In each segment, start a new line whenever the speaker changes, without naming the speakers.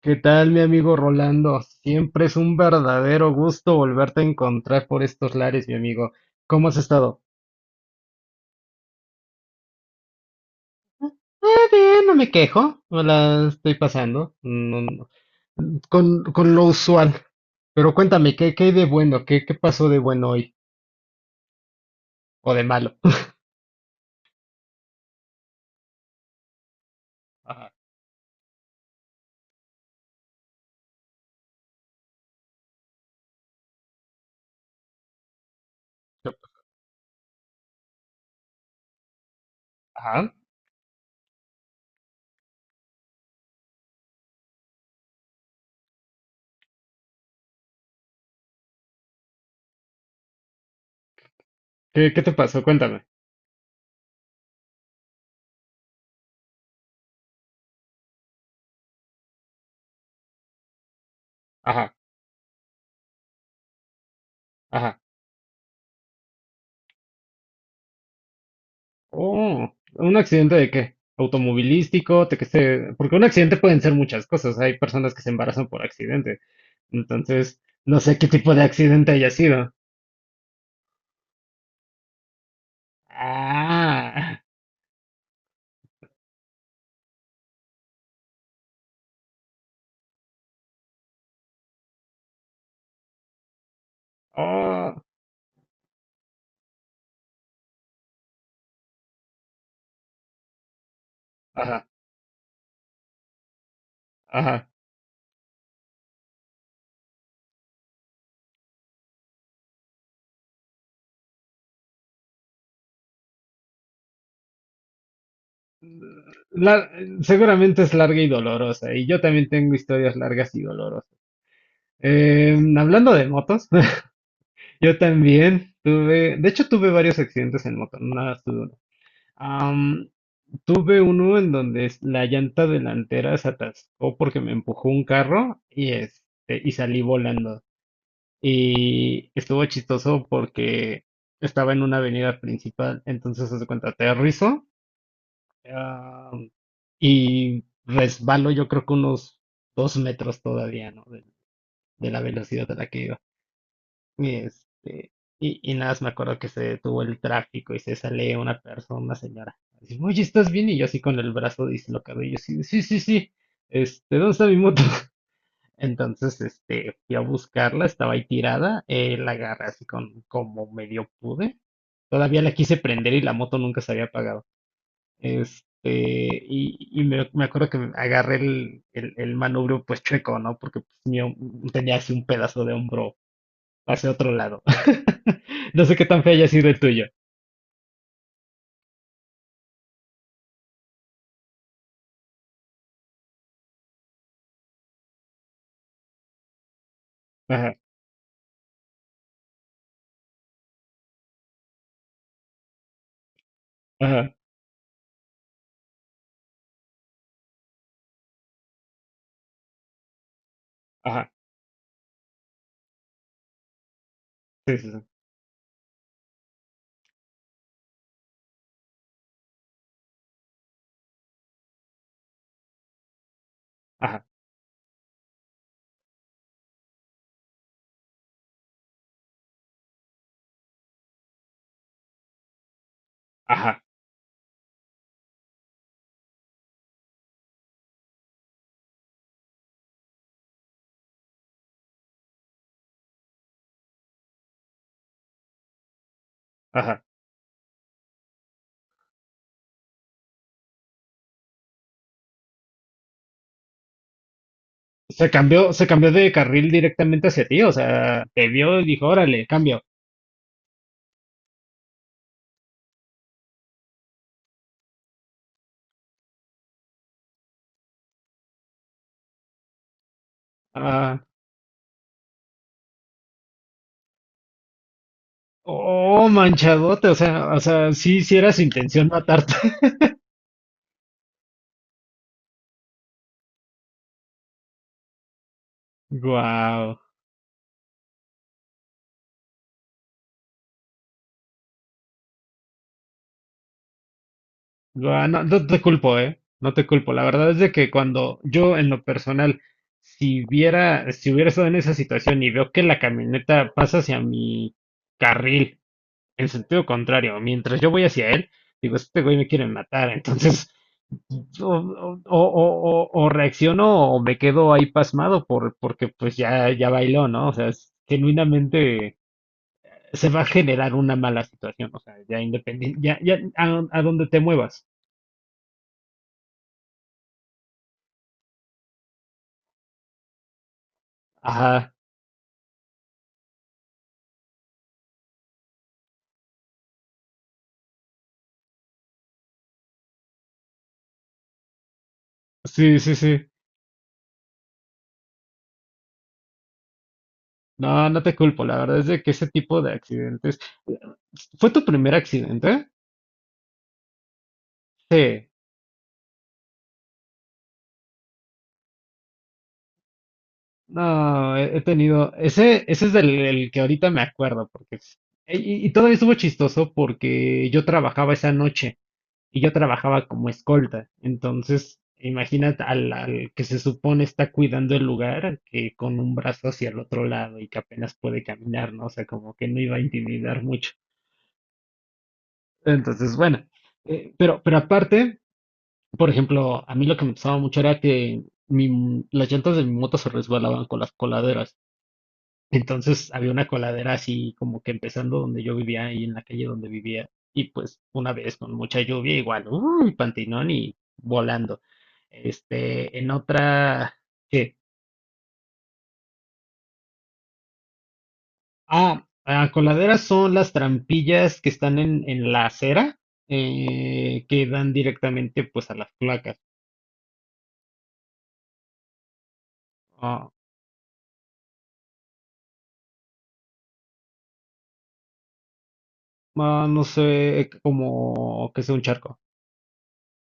¿Qué tal, mi amigo Rolando? Siempre es un verdadero gusto volverte a encontrar por estos lares, mi amigo. ¿Cómo has estado? Eh, Bien, no me quejo, no la estoy pasando, con lo usual. Pero cuéntame, ¿qué hay de bueno? ¿Qué pasó de bueno hoy? ¿O de malo? Ajá, ajá. ¿Qué te pasó? Cuéntame. Ajá, ajá. Oh, ¿un accidente de qué? ¿Automovilístico? Porque un accidente pueden ser muchas cosas, hay personas que se embarazan por accidente. Entonces, no sé qué tipo de accidente haya sido. Ah, oh, ajá, ajá. La- Seguramente es larga y dolorosa, y yo también tengo historias largas y dolorosas. Hablando de motos, yo también tuve, de hecho tuve varios accidentes en moto, no nada más tuve uno. Am, Tuve uno en donde la llanta delantera se atascó porque me empujó un carro y, este, y salí volando. Y estuvo chistoso porque estaba en una avenida principal, entonces haz de cuenta, aterrizo, ah, y resbalo yo creo que unos 2 metros todavía, ¿no? De la velocidad a la que iba. Y, este, y nada más me acuerdo que se detuvo el tráfico y se sale una persona, una señora. Así, oye, ¿estás bien? Y yo así con el brazo dislocado. Y yo sí, sí, sí, sí. Este, ¿dónde está mi moto? Entonces, este, fui a buscarla, estaba ahí tirada, la agarré así con como medio pude. Todavía la quise prender y la moto nunca se había apagado. Este, y me acuerdo que agarré el manubrio pues chueco, ¿no? Porque pues, mío, tenía así un pedazo de hombro hacia otro lado. No sé qué tan feo haya sido el tuyo. Ajá, ajá, ajá, sí, sí, sí, ajá, ajá, ajá. Se cambió de carril directamente hacia ti, o sea, te vio y dijo, órale, cambio. Ah, Oh, manchadote, o sea, sí, sí era su intención matarte. Guau, guau, no, no te culpo, no te culpo. La verdad es de que cuando yo en lo personal, si hubiera estado en esa situación y veo que la camioneta pasa hacia mi carril en sentido contrario, mientras yo voy hacia él, digo, este güey me quiere matar. Entonces, o, o- o- o reacciono o me quedo ahí pasmado porque pues ya bailó, ¿no? O sea, es genuinamente se va a generar una mala situación, o sea, ya independiente, ya a donde te muevas. Ajá, sí, sí, sí. No, no te culpo, la verdad es de que ese tipo de accidentes. ¿Fue tu primer accidente? Sí. No, he tenido. Ese es el que ahorita me acuerdo, porque. Y todavía estuvo chistoso porque yo trabajaba esa noche. Y yo trabajaba como escolta. Entonces, imagínate al que se supone está cuidando el lugar, que con un brazo hacia el otro lado y que apenas puede caminar, ¿no? O sea, como que no iba a intimidar mucho. Entonces, bueno, pero aparte, por ejemplo, a mí lo que me pasaba mucho era que las llantas de mi moto se resbalaban con las coladeras. Entonces había una coladera así como que empezando donde yo vivía, ahí en la calle donde vivía. Y pues una vez con mucha lluvia, igual, uy, pantinón y volando. Este, en otra, que, ah, ah, coladeras son las trampillas que están en la acera, que dan directamente pues a las placas. Ah, ah, no sé, cómo que sea un charco.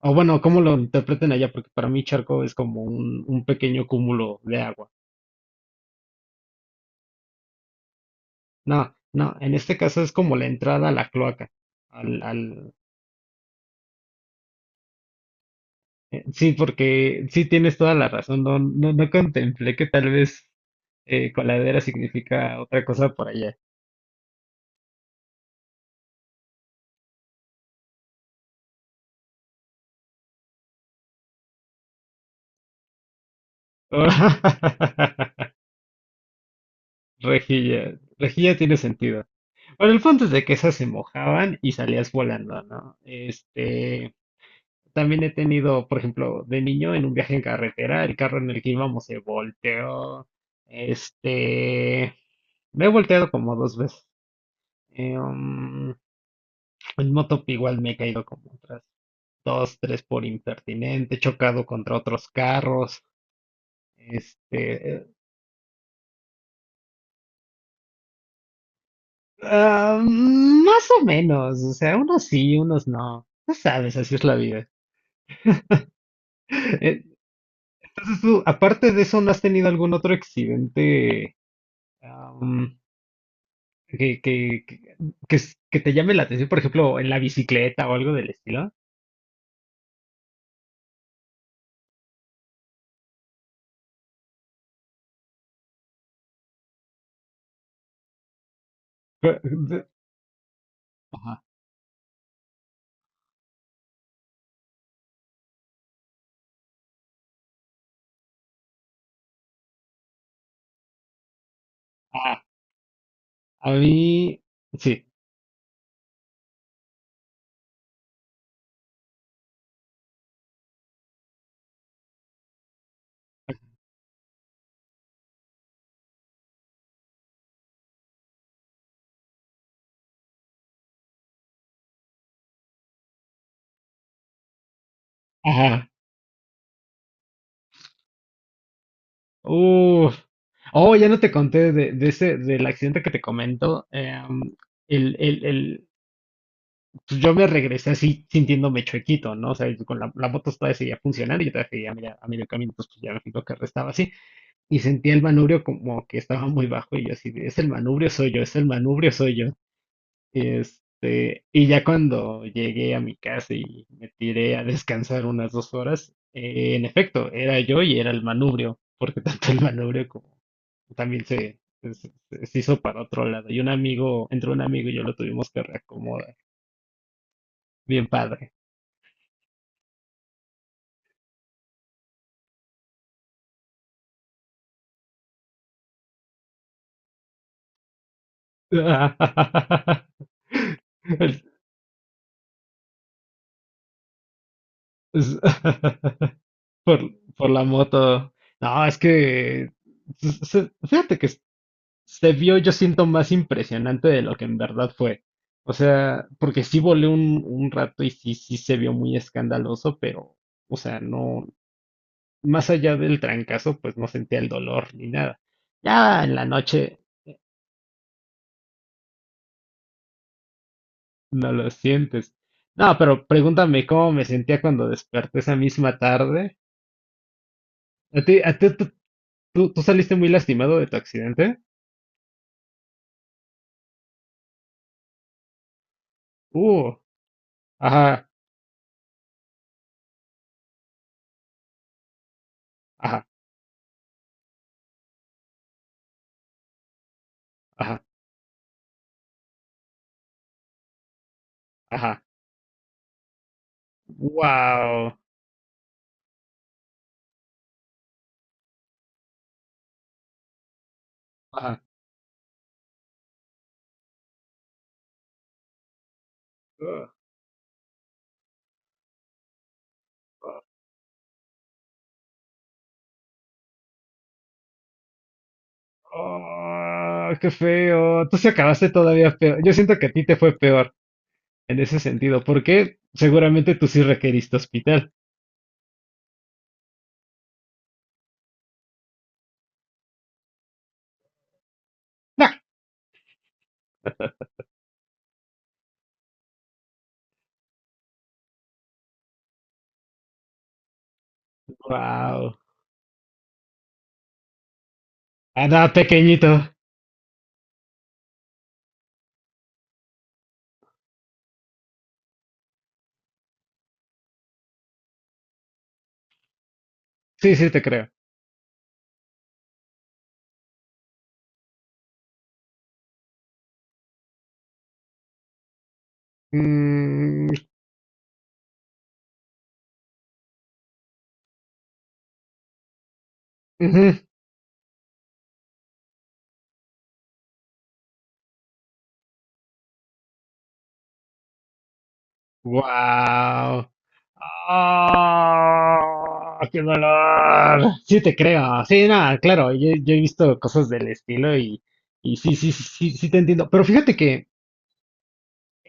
O bueno, cómo lo interpreten allá, porque para mí charco es como un pequeño cúmulo de agua. No, no, en este caso es como la entrada a la cloaca. Al, al, sí, porque sí tienes toda la razón. No, no, no contemplé que tal vez coladera significa otra cosa por allá. Rejilla, rejilla tiene sentido. Bueno, el punto es de que esas se mojaban y salías volando, ¿no? Este, también he tenido, por ejemplo, de niño en un viaje en carretera, el carro en el que íbamos se volteó. Este, me he volteado como dos veces. Eh, um, en moto igual me he caído como otras dos, tres por impertinente, he chocado contra otros carros, este, más o menos, o sea, unos sí, unos no. No sabes, así es la vida. Eh, Entonces tú, aparte de eso, ¿no has tenido algún otro accidente, am, que, que, que, que s- que te llame la atención? Por ejemplo, en la bicicleta o algo del estilo. Pe- de- Ajá. Ah, a mí, sí. Uf. Oh, ya no te conté de, ese, del accidente que te comento. El, el, el, pues yo me regresé así sintiéndome chuequito, ¿no? O sea, con la moto todavía seguía funcionando y yo todavía seguía a medio camino, entonces pues ya me fijo que restaba así. Y sentía el manubrio como que estaba muy bajo y yo así, de, es el manubrio, soy yo, es el manubrio, soy yo. Y este, y ya cuando llegué a mi casa y me tiré a descansar unas 2 horas, en efecto, era yo y era el manubrio, porque tanto el manubrio como también se hizo para otro lado. Y un amigo, entre un amigo y yo lo tuvimos que reacomodar. Bien padre. Es- es- Por, por la moto. No, es que, fíjate que se vio, yo siento, más impresionante de lo que en verdad fue. O sea, porque sí volé un rato y sí, sí se vio muy escandaloso, pero, o sea, no, más allá del trancazo, pues no sentía el dolor ni nada. Ya en la noche no lo sientes. No, pero pregúntame cómo me sentía cuando desperté esa misma tarde. A ti- tú- Tú saliste muy lastimado de tu accidente? Uh, ajá, ajá, ajá, ajá. Wow. Ajá. Oh, qué feo. Tú se acabaste todavía peor. Yo siento que a ti te fue peor en ese sentido, porque seguramente tú sí requeriste hospital. No. Wow. Andaba pequeñito. Sí, sí, te creo. Mm, ujú. Wow. Ah, qué dolor. Sí, te creo. Sí, nada, claro. Yo he visto cosas del estilo. Y sí, sí, sí, sí, sí te entiendo. Pero fíjate que,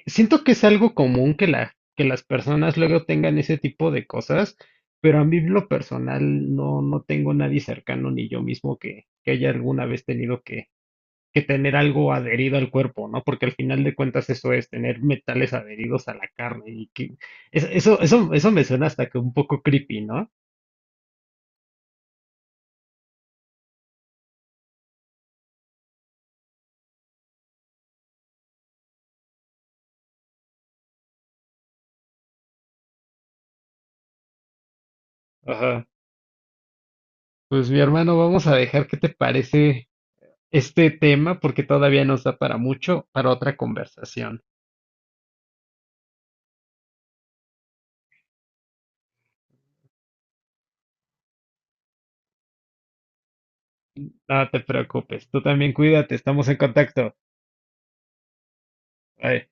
siento que es algo común que que las personas luego tengan ese tipo de cosas, pero a mí en lo personal no, no tengo nadie cercano ni yo mismo que haya alguna vez tenido que tener algo adherido al cuerpo, ¿no? Porque al final de cuentas eso es tener metales adheridos a la carne y que eso me suena hasta que un poco creepy, ¿no? Ajá. Pues mi hermano, vamos a dejar qué te parece este tema porque todavía nos da para mucho, para otra conversación. No te preocupes, tú también cuídate, estamos en contacto. Bye.